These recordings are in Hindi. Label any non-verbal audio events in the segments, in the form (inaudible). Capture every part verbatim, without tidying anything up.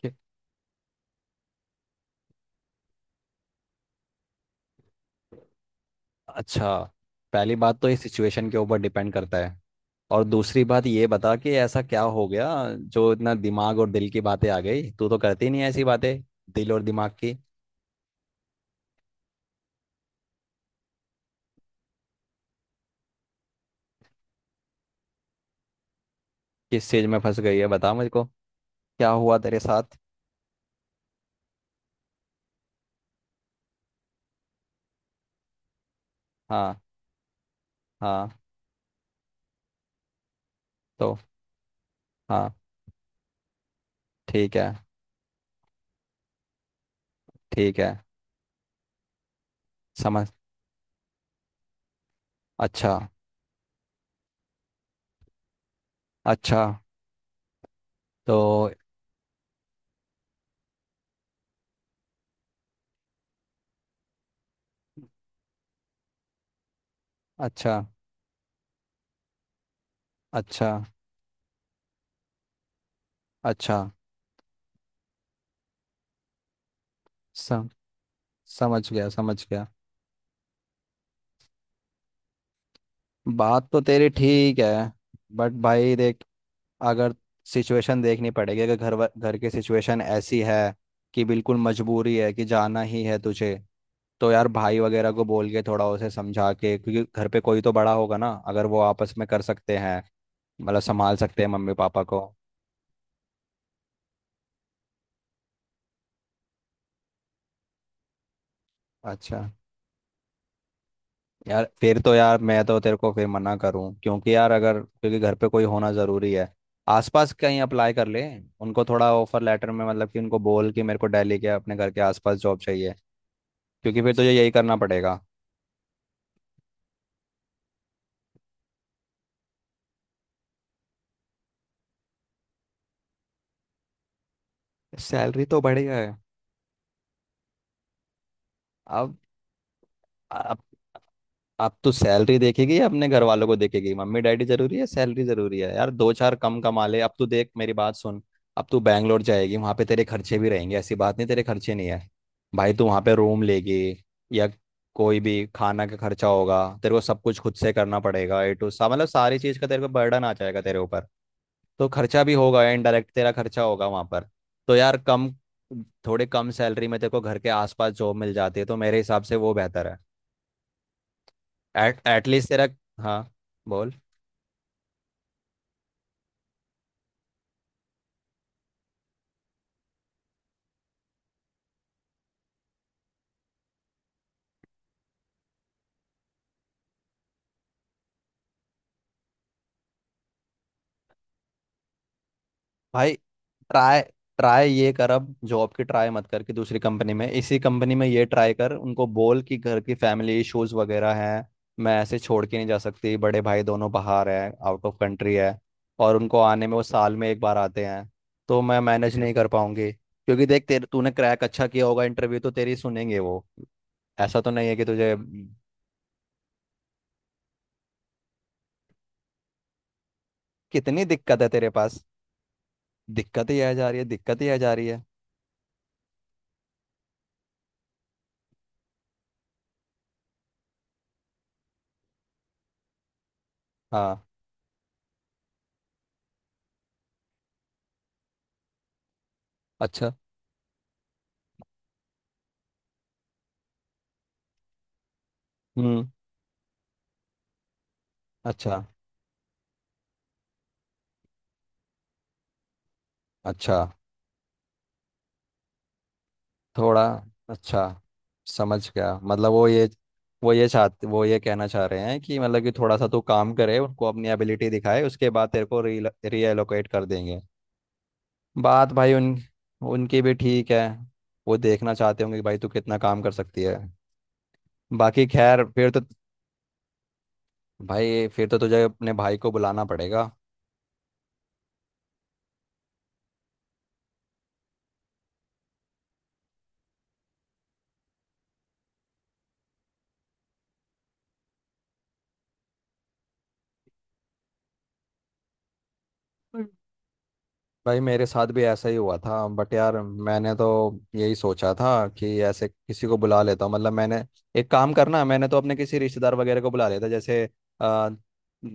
कि- अच्छा। पहली बात तो ये सिचुएशन के ऊपर डिपेंड करता है। और दूसरी बात ये बता कि ऐसा क्या हो गया जो इतना दिमाग और दिल की बातें आ गई। तू तो करती नहीं है ऐसी बातें दिल और दिमाग की। किस चीज में फंस गई है बता मुझको। क्या हुआ तेरे साथ? हाँ। हाँ। तो हाँ। ठीक है। ठीक है। समझ। अच्छा। अच्छा। तो। अच्छा। अच्छा। अच्छा। सम, समझ गया समझ गया। बात तो तेरी ठीक है। बट भाई देख। अगर सिचुएशन देखनी पड़ेगी, अगर घर वा- घर की सिचुएशन ऐसी है कि बिल्कुल मजबूरी है कि जाना ही है तुझे। तो यार, भाई वगैरह को बोल के थोड़ा उसे समझा के, क्योंकि घर पे कोई तो बड़ा होगा ना, अगर वो आपस में कर सकते हैं, मतलब संभाल सकते हैं मम्मी पापा को। अच्छा। यार फिर तो, यार मैं तो तेरे को फिर मना करूं, क्योंकि यार अगर, क्योंकि घर पे कोई होना ज़रूरी है। आसपास कहीं अप्लाई कर ले। उनको थोड़ा ऑफर लेटर में, मतलब कि उनको बोल कि मेरे को दिल्ली के अपने घर के आसपास जॉब चाहिए, क्योंकि फिर तुझे यही करना पड़ेगा। सैलरी तो बढ़िया है। अब आप आप तो सैलरी देखेगी या अपने घर वालों को देखेगी। मम्मी डैडी जरूरी है। सैलरी जरूरी है यार। दो चार कम कमा ले। अब तू देख, मेरी बात सुन। अब तू बैंगलोर जाएगी, वहां पे तेरे खर्चे भी रहेंगे, ऐसी बात नहीं तेरे खर्चे नहीं है। भाई तू वहां पे रूम लेगी या कोई भी खाना का खर्चा होगा, तेरे को सब कुछ खुद से करना पड़ेगा। ए टू सा, मतलब सारी चीज का तेरे को बर्डन आ जाएगा तेरे ऊपर। तो खर्चा भी होगा, इनडायरेक्ट तेरा खर्चा होगा वहां पर। तो यार कम, थोड़े कम सैलरी में तेरे को घर के आसपास जॉब मिल जाती है तो मेरे हिसाब से वो बेहतर है। एट एटलीस्ट तेरा। हाँ। बोल। भाई ट्राई ट्राई ये कर, अब जॉब की ट्राई मत कर कि दूसरी कंपनी में, इसी कंपनी में ये ट्राई कर, उनको बोल कि घर की फैमिली इश्यूज वगैरह हैं। मैं ऐसे छोड़ के नहीं जा सकती, बड़े भाई दोनों बाहर हैं, आउट ऑफ कंट्री है। और उनको आने में, वो साल में एक बार आते हैं। तो मैं मैनेज नहीं कर पाऊंगी, क्योंकि देख तेरे तूने क्रैक अच्छा किया होगा इंटरव्यू तो तेरी सुनेंगे वो। ऐसा तो नहीं है कि तुझे। कितनी दिक्कत है तेरे पास। दिक्कत ही आ जा रही है, दिक्कत ही आ जा रही है। हाँ। अच्छा। हम्म। अच्छा। अच्छा। थोड़ा। अच्छा। समझ गया। मतलब वो ये, वो ये चाहते वो ये कहना चाह रहे हैं कि मतलब कि थोड़ा सा तू काम करे, उनको अपनी एबिलिटी दिखाए, उसके बाद तेरे को री रीएलोकेट कर देंगे। बात भाई, उन उनकी भी ठीक है। वो देखना चाहते होंगे कि भाई तू कितना काम कर सकती है। बाकी खैर फिर तो। भाई फिर तो तुझे अपने भाई को बुलाना पड़ेगा। भाई मेरे साथ भी ऐसा ही हुआ था, बट यार मैंने तो यही सोचा था कि ऐसे किसी को बुला लेता हूँ, मतलब मैंने एक काम करना, मैंने तो अपने किसी रिश्तेदार वगैरह को बुला लेता, जैसे आ,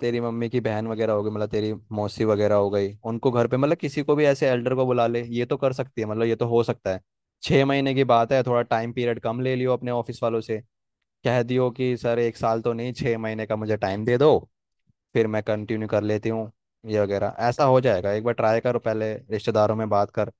तेरी मम्मी की बहन वगैरह हो गई, मतलब तेरी मौसी वगैरह हो गई, उनको घर पे, मतलब किसी को भी ऐसे एल्डर को बुला ले, ये तो कर सकती है, मतलब ये तो हो सकता है। छः महीने की बात है, थोड़ा टाइम पीरियड कम ले लियो अपने ऑफिस वालों से। कह दियो कि सर एक साल तो नहीं, छः महीने का मुझे टाइम दे दो। फिर मैं कंटिन्यू कर लेती हूँ। ये वगैरह ऐसा हो जाएगा, एक बार ट्राई करो, पहले रिश्तेदारों में बात कर।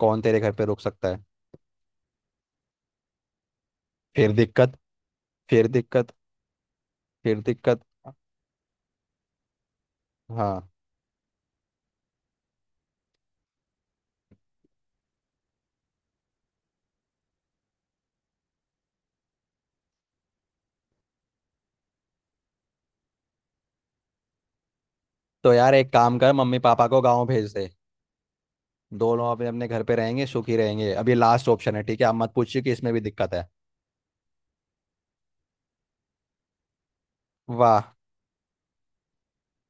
कौन तेरे घर पे रुक सकता है? फिर दिक्कत। फिर दिक्कत। फिर दिक्कत। हाँ। तो यार एक काम कर, मम्मी पापा को गाँव भेज दे। दोनों अपने अपने घर पे रहेंगे, सुखी रहेंगे। अब ये लास्ट ऑप्शन है, ठीक है? आप मत पूछिए कि इसमें भी दिक्कत है। वाह।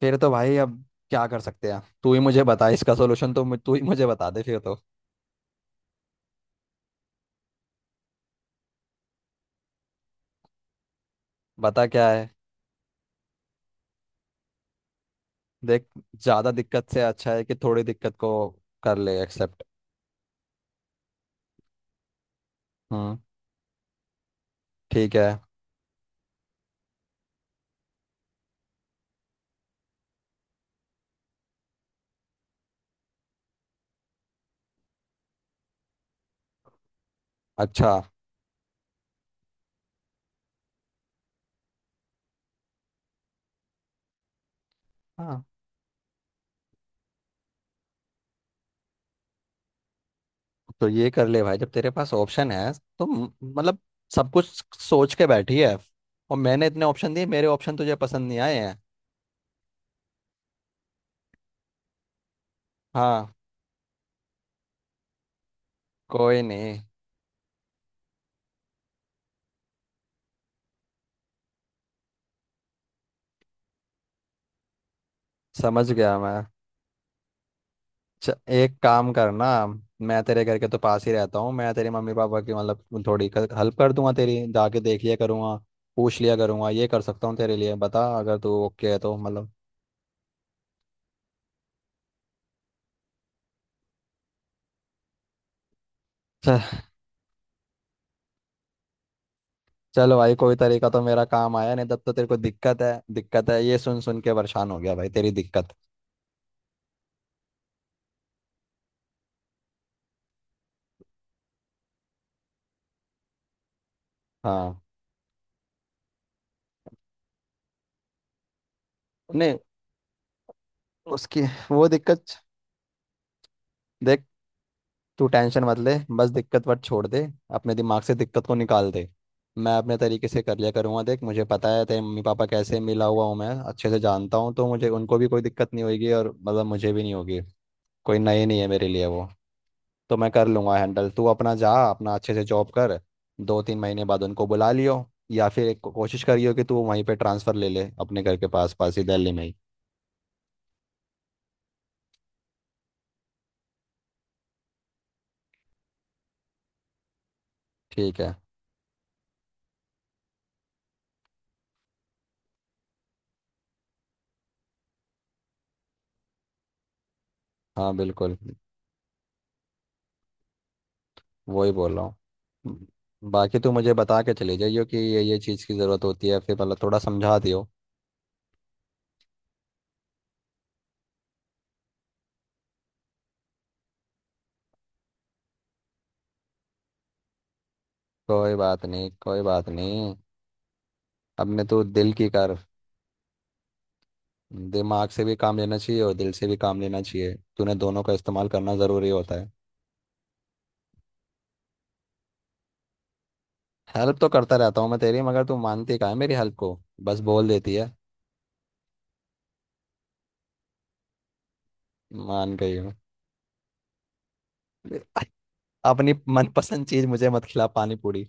फिर तो भाई, अब क्या कर सकते हैं, तू ही मुझे बता इसका सोल्यूशन, तो मु- तू ही मुझे बता दे फिर तो। बता क्या है? देख। ज़्यादा दिक्कत से अच्छा है कि थोड़ी दिक्कत को कर ले एक्सेप्ट। ठीक है। अच्छा। हाँ तो ये कर ले भाई, जब तेरे पास ऑप्शन है तो म- मतलब सब कुछ सोच के बैठी है, और मैंने इतने ऑप्शन दिए, मेरे ऑप्शन तुझे पसंद नहीं आए हैं। हाँ। कोई नहीं। समझ गया मैं। च, एक काम करना। मैं तेरे घर के तो पास ही रहता हूँ, मैं तेरे मम्मी पापा की मतलब थोड़ी हेल्प कर दूंगा, तेरी जाके देख लिया करूंगा, पूछ लिया करूंगा। ये कर सकता हूँ तेरे लिए, बता अगर तू ओके है तो, मतलब। चलो भाई, कोई तरीका तो मेरा काम आया नहीं, तब तो तेरे को दिक्कत है दिक्कत है, ये सुन सुन के परेशान हो गया भाई तेरी दिक्कत। हाँ। नहीं। उसकी वो दिक्कत। देख, तू टेंशन मत ले, बस दिक्कत वट छोड़ दे। अपने दिमाग से दिक्कत को निकाल दे। मैं अपने तरीके से कर लिया करूँगा। देख, मुझे पता है तेरे मम्मी पापा कैसे, मिला हुआ हूँ मैं, अच्छे से जानता हूँ, तो मुझे उनको भी कोई दिक्कत नहीं होगी और मतलब मुझे भी नहीं होगी। कोई नई नहीं है मेरे लिए वो। तो मैं कर लूंगा हैंडल, तू अपना जा, अपना अच्छे से जॉब कर। दो तीन महीने बाद उनको बुला लियो। या फिर एक को- कोशिश करियो कि तू वहीं पे ट्रांसफ़र ले ले, अपने घर के पास पास ही, दिल्ली में ही। ठीक है। हाँ बिल्कुल। वही बोल रहा हूँ। बाकी तू मुझे बता के चले जाइयो कि ये ये चीज़ की ज़रूरत होती है, फिर मतलब थोड़ा समझा दियो। कोई बात नहीं, कोई बात नहीं। अपने तू दिल की कर। दिमाग से भी काम लेना चाहिए और दिल से भी काम लेना चाहिए, तूने दोनों का इस्तेमाल करना ज़रूरी होता है। हेल्प तो करता रहता हूँ मैं तेरी, मगर तू मानती कहाँ है मेरी हेल्प को। बस बोल देती है। मान गई हूँ। अपनी मनपसंद चीज मुझे मत खिला पानी पूरी।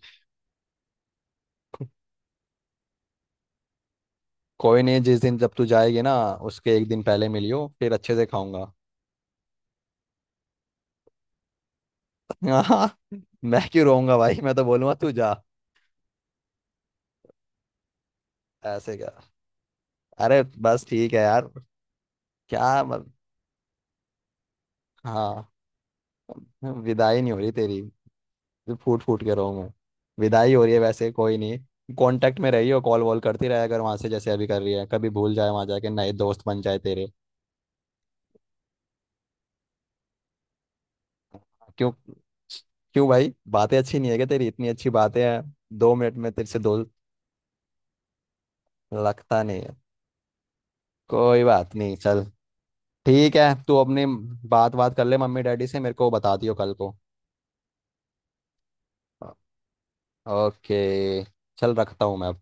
कोई नहीं, जिस दिन जब तू जाएगी ना, उसके एक दिन पहले मिलियो, फिर अच्छे से खाऊंगा। (laughs) हाँ, मैं क्यों रोऊंगा भाई, मैं तो बोलूंगा तू जा। ऐसे क्या? अरे बस ठीक है यार। क्या मत। हाँ। विदाई नहीं हो रही तेरी, जो फूट फूट के रो मैं। विदाई हो रही है वैसे, कोई नहीं। कांटेक्ट में रही हो, कॉल वॉल करती रहे, अगर वहां से जैसे अभी कर रही है, कभी भूल जाए, वहां जाके नए दोस्त बन जाए तेरे। क्यों? क्यों भाई, बातें अच्छी नहीं है क्या तेरी, इतनी अच्छी बातें हैं, दो मिनट में तेरे से दोस्त। लगता नहीं है। कोई बात नहीं चल। ठीक है, तू अपनी बात बात कर ले मम्मी डैडी से, मेरे को बता दियो कल को। ओके, चल रखता हूँ मैं।